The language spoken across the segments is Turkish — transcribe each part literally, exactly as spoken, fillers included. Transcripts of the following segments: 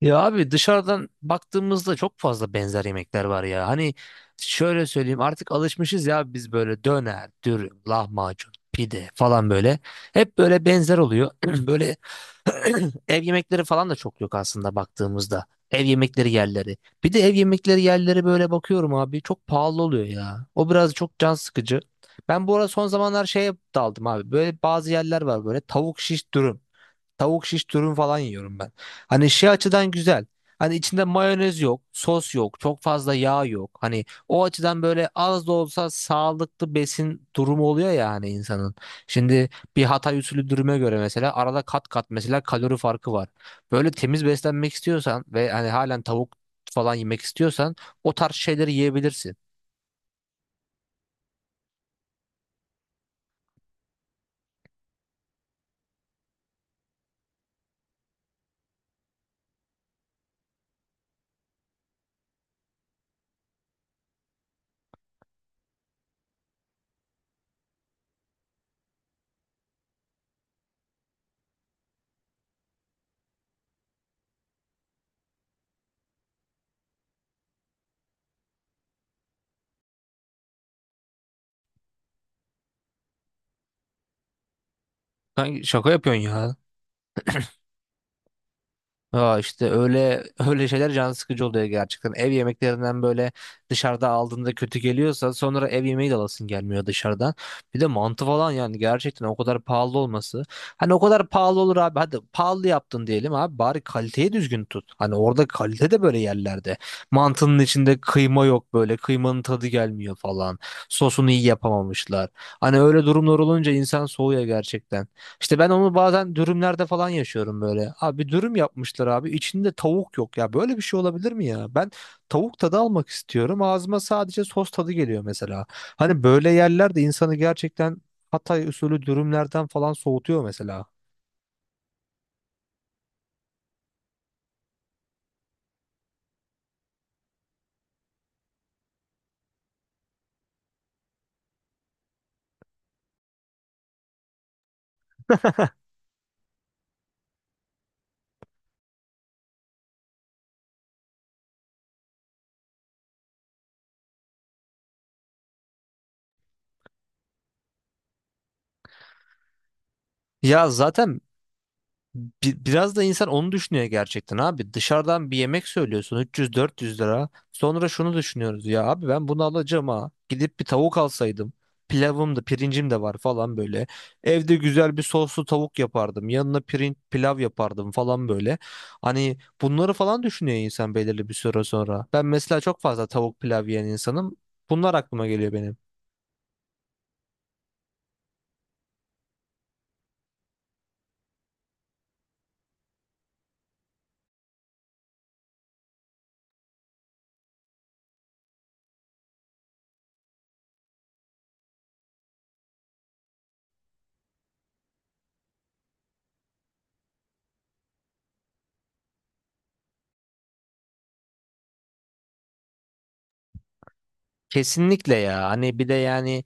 Ya abi dışarıdan baktığımızda çok fazla benzer yemekler var ya. Hani şöyle söyleyeyim artık alışmışız ya biz böyle döner, dürüm, lahmacun, pide falan böyle. Hep böyle benzer oluyor. Böyle ev yemekleri falan da çok yok aslında baktığımızda. Ev yemekleri yerleri. Bir de ev yemekleri yerleri böyle bakıyorum abi çok pahalı oluyor ya. O biraz çok can sıkıcı. Ben bu arada son zamanlar şeye daldım abi. Böyle bazı yerler var böyle tavuk şiş dürüm. Tavuk şiş dürüm falan yiyorum ben. Hani şey açıdan güzel. Hani içinde mayonez yok, sos yok, çok fazla yağ yok. Hani o açıdan böyle az da olsa sağlıklı besin durumu oluyor ya hani insanın. Şimdi bir Hatay usulü dürüme göre mesela arada kat kat mesela kalori farkı var. Böyle temiz beslenmek istiyorsan ve hani halen tavuk falan yemek istiyorsan o tarz şeyleri yiyebilirsin. Kanka şaka yapıyorsun ya. Aa, işte öyle öyle şeyler can sıkıcı oluyor gerçekten. Ev yemeklerinden böyle dışarıda aldığında kötü geliyorsa sonra ev yemeği de alasın gelmiyor dışarıdan. Bir de mantı falan yani gerçekten o kadar pahalı olması. Hani o kadar pahalı olur abi. Hadi pahalı yaptın diyelim abi bari kaliteyi düzgün tut. Hani orada kalite de böyle yerlerde. Mantının içinde kıyma yok böyle. Kıymanın tadı gelmiyor falan. Sosunu iyi yapamamışlar. Hani öyle durumlar olunca insan soğuyor gerçekten. İşte ben onu bazen dürümlerde falan yaşıyorum böyle. Abi dürüm yapmışlar abi. İçinde tavuk yok ya. Böyle bir şey olabilir mi ya? Ben tavuk tadı almak istiyorum. Ağzıma sadece sos tadı geliyor mesela. Hani böyle yerler de insanı gerçekten Hatay usulü dürümlerden falan soğutuyor mesela. Ya zaten. Bi- Biraz da insan onu düşünüyor gerçekten abi. Dışarıdan bir yemek söylüyorsun üç yüz dört yüz lira. Sonra şunu düşünüyoruz ya abi ben bunu alacağım ha. Gidip bir tavuk alsaydım. Pilavım da pirincim de var falan böyle. Evde güzel bir soslu tavuk yapardım. Yanına pirinç pilav yapardım falan böyle. Hani bunları falan düşünüyor insan belirli bir süre sonra. Ben mesela çok fazla tavuk pilav yiyen insanım. Bunlar aklıma geliyor benim. Kesinlikle ya. Hani bir de yani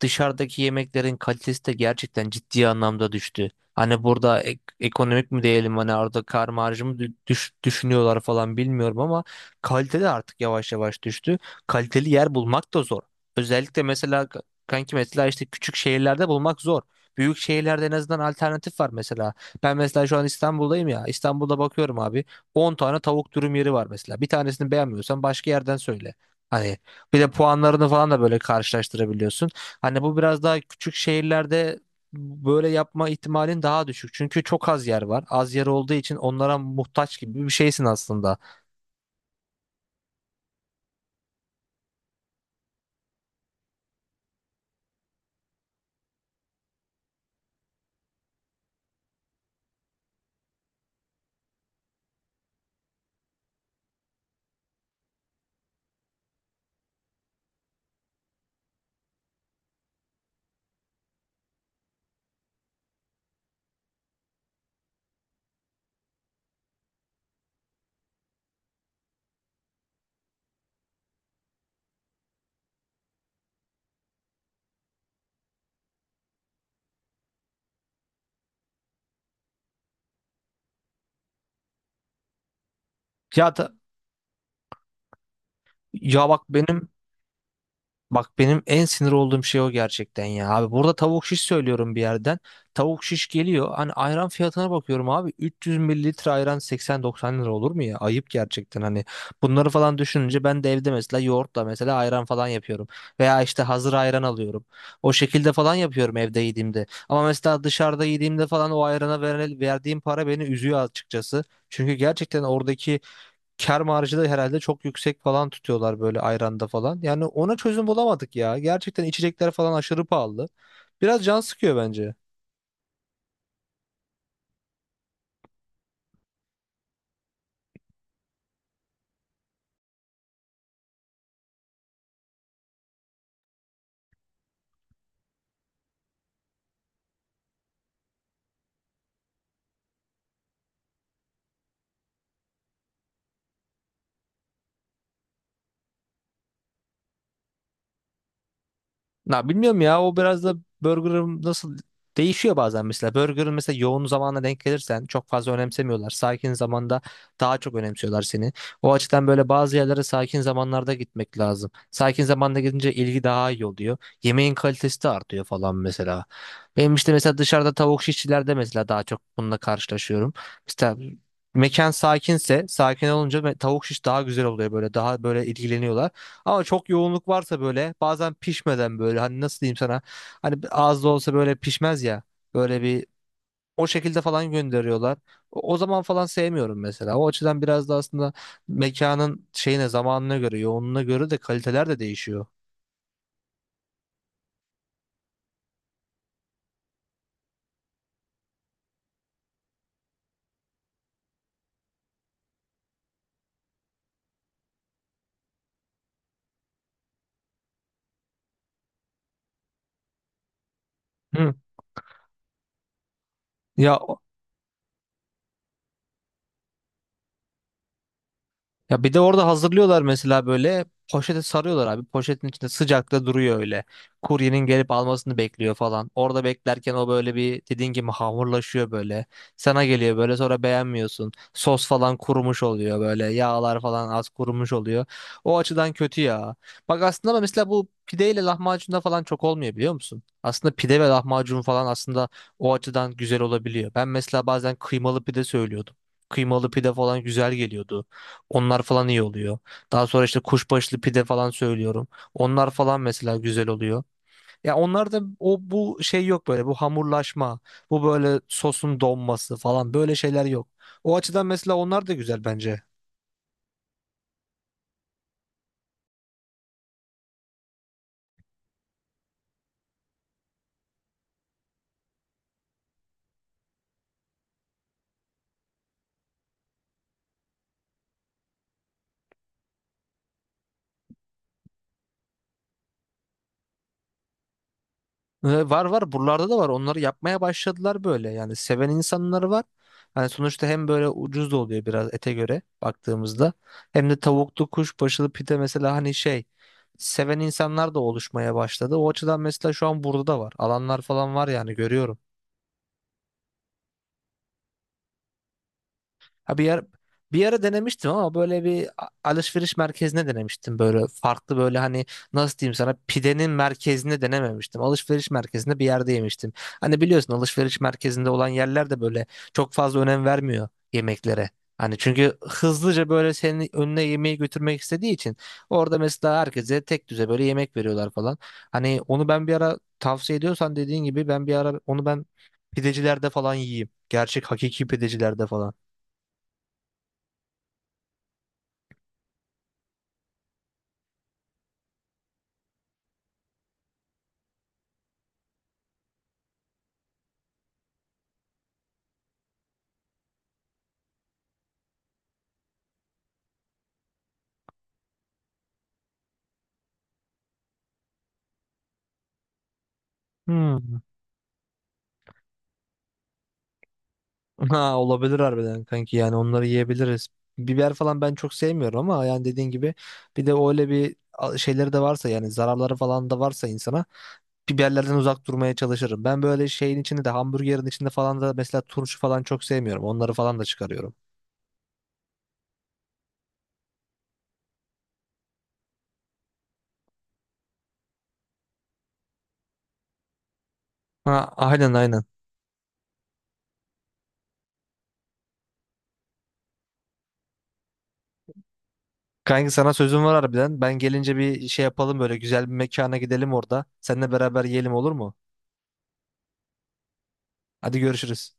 dışarıdaki yemeklerin kalitesi de gerçekten ciddi anlamda düştü. Hani burada ek- ekonomik mi diyelim, hani orada kar marjı mı dü- düş- düşünüyorlar falan bilmiyorum ama kalite de artık yavaş yavaş düştü. Kaliteli yer bulmak da zor. Özellikle mesela k- kanki mesela işte küçük şehirlerde bulmak zor. Büyük şehirlerde en azından alternatif var mesela. Ben mesela şu an İstanbul'dayım ya. İstanbul'da bakıyorum abi. On tane tavuk dürüm yeri var mesela. Bir tanesini beğenmiyorsan başka yerden söyle. Hani bir de puanlarını falan da böyle karşılaştırabiliyorsun. Hani bu biraz daha küçük şehirlerde böyle yapma ihtimalin daha düşük. Çünkü çok az yer var. Az yer olduğu için onlara muhtaç gibi bir şeysin aslında. Ya da. ya bak benim Bak benim en sinir olduğum şey o gerçekten ya. Abi burada tavuk şiş söylüyorum bir yerden. Tavuk şiş geliyor. Hani ayran fiyatına bakıyorum abi. 300 mililitre ayran seksen doksan lira olur mu ya? Ayıp gerçekten hani. Bunları falan düşününce ben de evde mesela yoğurtla mesela ayran falan yapıyorum. Veya işte hazır ayran alıyorum. O şekilde falan yapıyorum evde yediğimde. Ama mesela dışarıda yediğimde falan o ayrana veren- verdiğim para beni üzüyor açıkçası. Çünkü gerçekten oradaki kar marjı da herhalde çok yüksek falan tutuyorlar böyle ayranda falan. Yani ona çözüm bulamadık ya. Gerçekten içecekler falan aşırı pahalı. Biraz can sıkıyor bence. Na bilmiyorum ya, o biraz da burger'ın nasıl değişiyor bazen mesela. Burger'ın mesela yoğun zamana denk gelirsen çok fazla önemsemiyorlar. Sakin zamanda daha çok önemsiyorlar seni. O açıdan böyle bazı yerlere sakin zamanlarda gitmek lazım. Sakin zamanda gidince ilgi daha iyi oluyor. Yemeğin kalitesi de artıyor falan mesela. Benim işte mesela dışarıda tavuk şişçilerde mesela daha çok bununla karşılaşıyorum. İşte mekan sakinse, sakin olunca me- tavuk şiş daha güzel oluyor böyle, daha böyle ilgileniyorlar. Ama çok yoğunluk varsa böyle bazen pişmeden, böyle hani nasıl diyeyim sana, hani az da olsa böyle pişmez ya, böyle bir o şekilde falan gönderiyorlar. O, o zaman falan sevmiyorum mesela. O açıdan biraz da aslında mekanın şeyine, zamanına göre, yoğunluğuna göre de kaliteler de değişiyor. Hı. Ya. Ya bir de orada hazırlıyorlar mesela böyle poşete sarıyorlar abi. Poşetin içinde sıcakta duruyor öyle. Kuryenin gelip almasını bekliyor falan. Orada beklerken o böyle bir dediğin gibi hamurlaşıyor böyle. Sana geliyor böyle sonra beğenmiyorsun. Sos falan kurumuş oluyor böyle. Yağlar falan az kurumuş oluyor. O açıdan kötü ya. Bak aslında ama mesela bu pideyle lahmacunda falan çok olmuyor, biliyor musun? Aslında pide ve lahmacun falan aslında o açıdan güzel olabiliyor. Ben mesela bazen kıymalı pide söylüyordum. Kıymalı pide falan güzel geliyordu. Onlar falan iyi oluyor. Daha sonra işte kuşbaşlı pide falan söylüyorum. Onlar falan mesela güzel oluyor. Ya onlarda o bu şey yok, böyle bu hamurlaşma, bu böyle sosun donması falan, böyle şeyler yok. O açıdan mesela onlar da güzel bence. Ee, Var var, buralarda da var, onları yapmaya başladılar böyle, yani seven insanları var. Yani sonuçta hem böyle ucuz da oluyor biraz ete göre baktığımızda, hem de tavuklu kuşbaşılı pide mesela, hani şey, seven insanlar da oluşmaya başladı. O açıdan mesela şu an burada da var, alanlar falan var yani, görüyorum. Ha bir ara, bir ara denemiştim ama böyle bir a- alışveriş merkezine denemiştim, böyle farklı, böyle hani nasıl diyeyim sana, pidenin merkezine denememiştim. Alışveriş merkezinde bir yerde yemiştim. Hani biliyorsun alışveriş merkezinde olan yerler de böyle çok fazla önem vermiyor yemeklere. Hani çünkü hızlıca böyle senin önüne yemeği götürmek istediği için orada mesela herkese tek düze böyle yemek veriyorlar falan. Hani onu ben bir ara, tavsiye ediyorsan dediğin gibi, ben bir ara onu ben pidecilerde falan yiyeyim. Gerçek hakiki pidecilerde falan. Hmm. Ha, olabilir harbiden kanki, yani onları yiyebiliriz. Biber falan ben çok sevmiyorum ama yani dediğin gibi, bir de öyle bir a- şeyleri de varsa, yani zararları falan da varsa insana, biberlerden uzak durmaya çalışırım. Ben böyle şeyin içinde de, hamburgerin içinde falan da, mesela turşu falan çok sevmiyorum. Onları falan da çıkarıyorum. Ha, aynen, aynen. Kanki sana sözüm var harbiden. Ben gelince bir şey yapalım, böyle güzel bir mekana gidelim orada. Seninle beraber yiyelim, olur mu? Hadi görüşürüz.